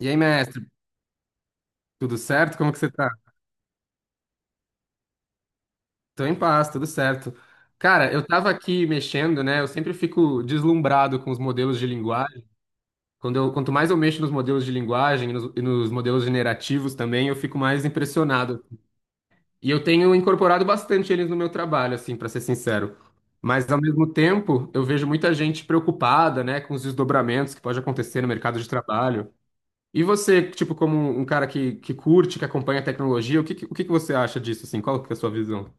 E aí, mestre, tudo certo? Como que você tá? Tô em paz, tudo certo. Cara, eu tava aqui mexendo, né? Eu sempre fico deslumbrado com os modelos de linguagem. Quanto mais eu mexo nos modelos de linguagem e nos modelos generativos também, eu fico mais impressionado. E eu tenho incorporado bastante eles no meu trabalho, assim, pra ser sincero. Mas ao mesmo tempo, eu vejo muita gente preocupada, né, com os desdobramentos que pode acontecer no mercado de trabalho. E você, tipo, como um cara que curte, que acompanha a tecnologia, o que que você acha disso, assim? Qual que é a sua visão?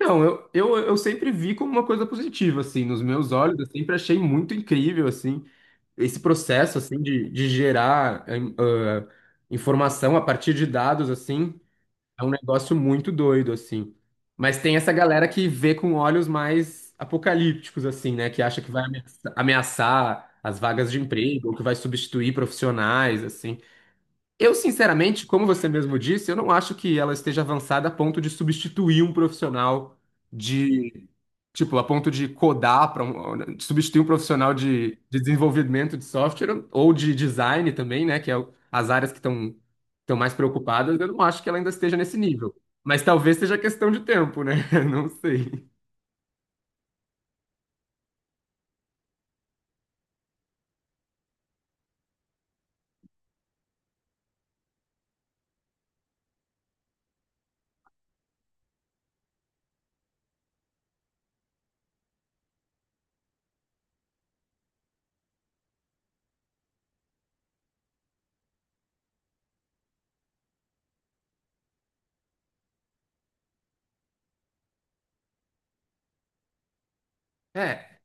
Não, eu sempre vi como uma coisa positiva, assim, nos meus olhos, eu sempre achei muito incrível, assim, esse processo, assim, de gerar informação a partir de dados, assim, é um negócio muito doido, assim. Mas tem essa galera que vê com olhos mais apocalípticos, assim, né, que acha que vai ameaçar as vagas de emprego, ou que vai substituir profissionais, assim. Eu, sinceramente, como você mesmo disse, eu não acho que ela esteja avançada a ponto de substituir um profissional de, tipo, a ponto de codar para um, de substituir um profissional de desenvolvimento de software ou de design também, né, que é as áreas que estão mais preocupadas. Eu não acho que ela ainda esteja nesse nível, mas talvez seja questão de tempo, né? Não sei. É,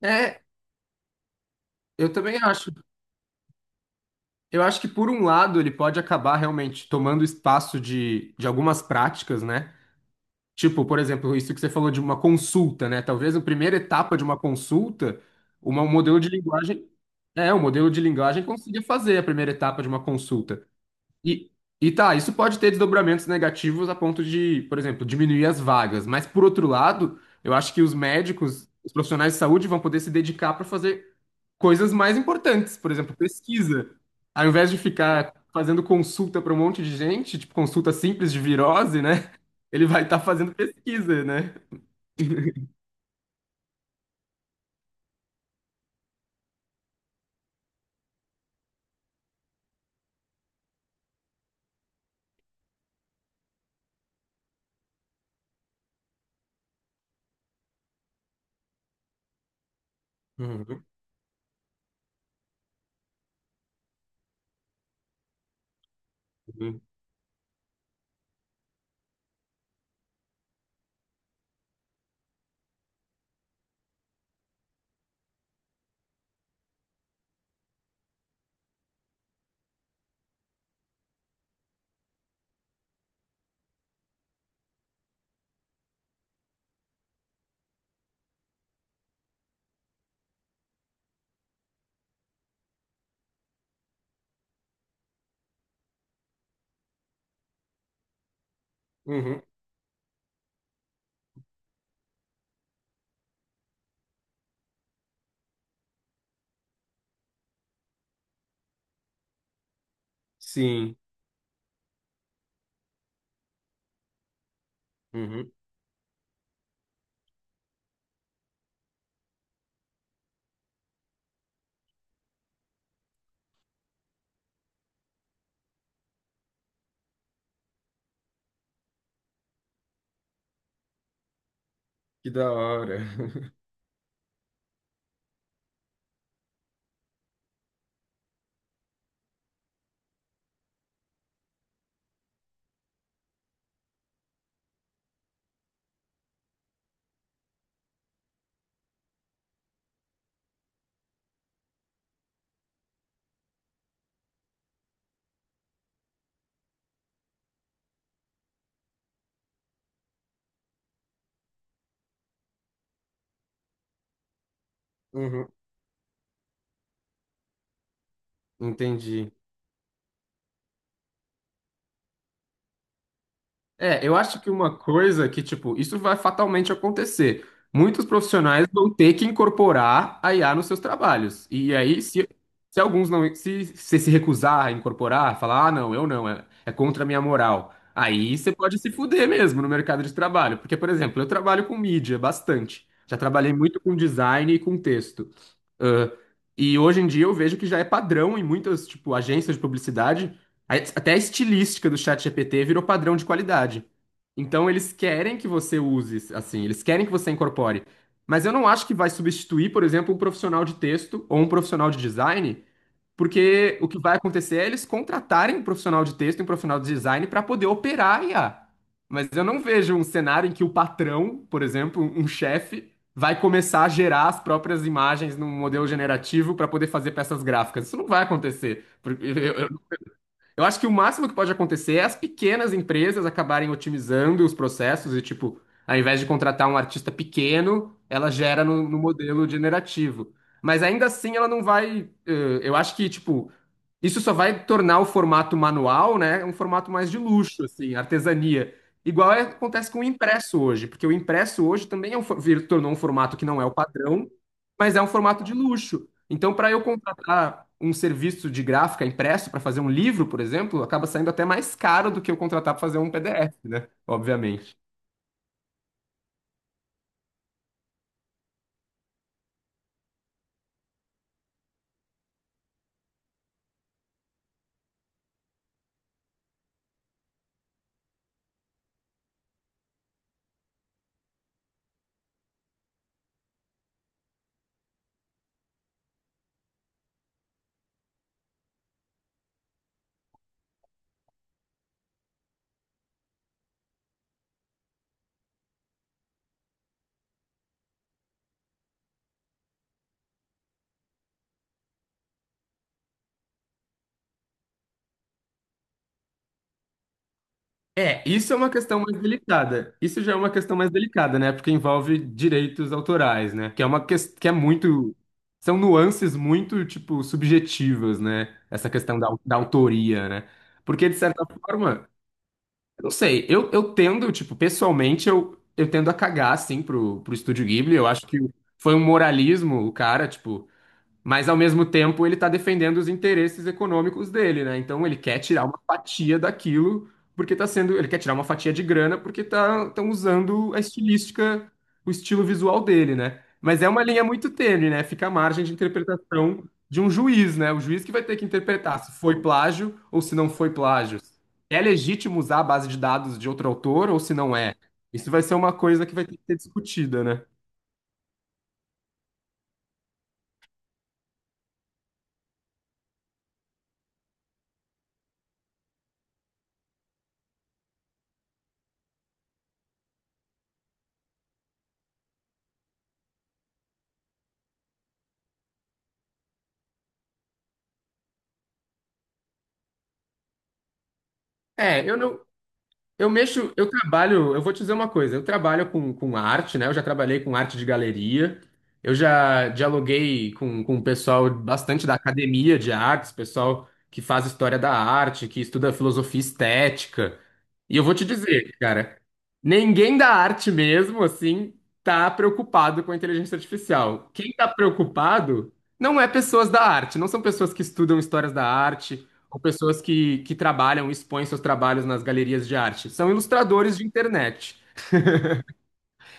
é, eu também acho. Eu acho que por um lado ele pode acabar realmente tomando espaço de algumas práticas, né? Tipo, por exemplo, isso que você falou de uma consulta, né? Talvez a primeira etapa de uma consulta, um modelo de linguagem. É, um modelo de linguagem consiga fazer a primeira etapa de uma consulta. E, e tá, isso pode ter desdobramentos negativos a ponto de, por exemplo, diminuir as vagas. Mas, por outro lado, eu acho que os médicos, os profissionais de saúde vão poder se dedicar para fazer coisas mais importantes, por exemplo, pesquisa. Ao invés de ficar fazendo consulta para um monte de gente, tipo consulta simples de virose, né? Ele vai estar fazendo pesquisa, né? Uhum, uhum, uhum. Sim. Uhum. Que da hora. Uhum. Entendi. É, eu acho que uma coisa que, tipo, isso vai fatalmente acontecer. Muitos profissionais vão ter que incorporar a IA nos seus trabalhos. E aí, se alguns não, se você se recusar a incorporar, falar, ah, não, eu não, é contra a minha moral. Aí você pode se fuder mesmo no mercado de trabalho. Porque, por exemplo, eu trabalho com mídia bastante. Já trabalhei muito com design e com texto. Ãh, e hoje em dia eu vejo que já é padrão em muitas, tipo, agências de publicidade até a estilística do ChatGPT virou padrão de qualidade. Então eles querem que você use, assim, eles querem que você incorpore. Mas eu não acho que vai substituir, por exemplo, um profissional de texto ou um profissional de design, porque o que vai acontecer é eles contratarem um profissional de texto e um profissional de design para poder operar a IA. Mas eu não vejo um cenário em que o patrão, por exemplo, um chefe, vai começar a gerar as próprias imagens num modelo generativo para poder fazer peças gráficas. Isso não vai acontecer. Porque eu acho que o máximo que pode acontecer é as pequenas empresas acabarem otimizando os processos e, tipo, ao invés de contratar um artista pequeno, ela gera no modelo generativo. Mas ainda assim ela não vai. Eu acho que, tipo, isso só vai tornar o formato manual, né, um formato mais de luxo, assim, artesania. Acontece com o impresso hoje, porque o impresso hoje também é um, tornou um formato que não é o padrão, mas é um formato de luxo. Então, para eu contratar um serviço de gráfica impresso para fazer um livro, por exemplo, acaba saindo até mais caro do que eu contratar para fazer um PDF, né? Obviamente. É, isso é uma questão mais delicada. Isso já é uma questão mais delicada, né? Porque envolve direitos autorais, né? Que é uma questão que é muito. São nuances muito, tipo, subjetivas, né? Essa questão da autoria, né? Porque, de certa forma, não sei, eu tendo, tipo, pessoalmente, eu tendo a cagar, assim, pro Estúdio Ghibli. Eu acho que foi um moralismo, o cara, tipo, mas ao mesmo tempo ele está defendendo os interesses econômicos dele, né? Então ele quer tirar uma fatia daquilo porque tá sendo, ele quer tirar uma fatia de grana porque tá estão usando a estilística, o estilo visual dele, né? Mas é uma linha muito tênue, né? Fica à margem de interpretação de um juiz, né? O juiz que vai ter que interpretar se foi plágio ou se não foi plágio. É legítimo usar a base de dados de outro autor ou se não é? Isso vai ser uma coisa que vai ter que ser discutida, né? É, eu não, Eu mexo, eu trabalho, eu vou te dizer uma coisa, eu trabalho com arte, né? Eu já trabalhei com arte de galeria, eu já dialoguei com o pessoal bastante da academia de artes, pessoal que faz história da arte, que estuda filosofia estética. E eu vou te dizer, cara, ninguém da arte mesmo, assim, tá preocupado com a inteligência artificial. Quem tá preocupado não é pessoas da arte, não são pessoas que estudam histórias da arte, ou pessoas que trabalham, expõem seus trabalhos nas galerias de arte. São ilustradores de internet.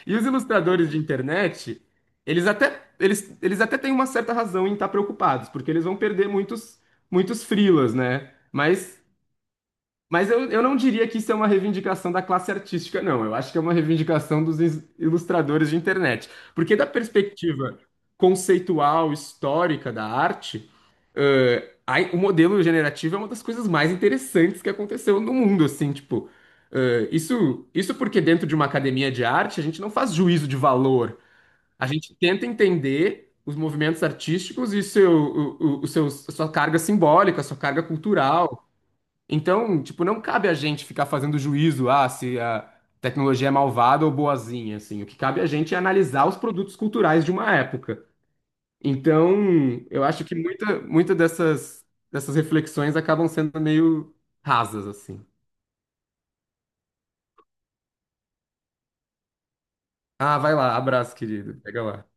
E os ilustradores de internet, eles até têm uma certa razão em estar preocupados, porque eles vão perder muitos, muitos freelas, né? Mas eu não diria que isso é uma reivindicação da classe artística, não. Eu acho que é uma reivindicação dos ilustradores de internet. Porque da perspectiva conceitual, histórica da arte, o modelo generativo é uma das coisas mais interessantes que aconteceu no mundo, assim, tipo... isso, isso porque dentro de uma academia de arte, a gente não faz juízo de valor. A gente tenta entender os movimentos artísticos e seu, o seus- a sua carga simbólica, a sua carga cultural, então, tipo, não cabe a gente ficar fazendo juízo, ah, se a tecnologia é malvada ou boazinha, assim. O que cabe a gente é analisar os produtos culturais de uma época. Então, eu acho que muita dessas, dessas reflexões acabam sendo meio rasas, assim. Ah, vai lá, abraço, querido. Pega lá.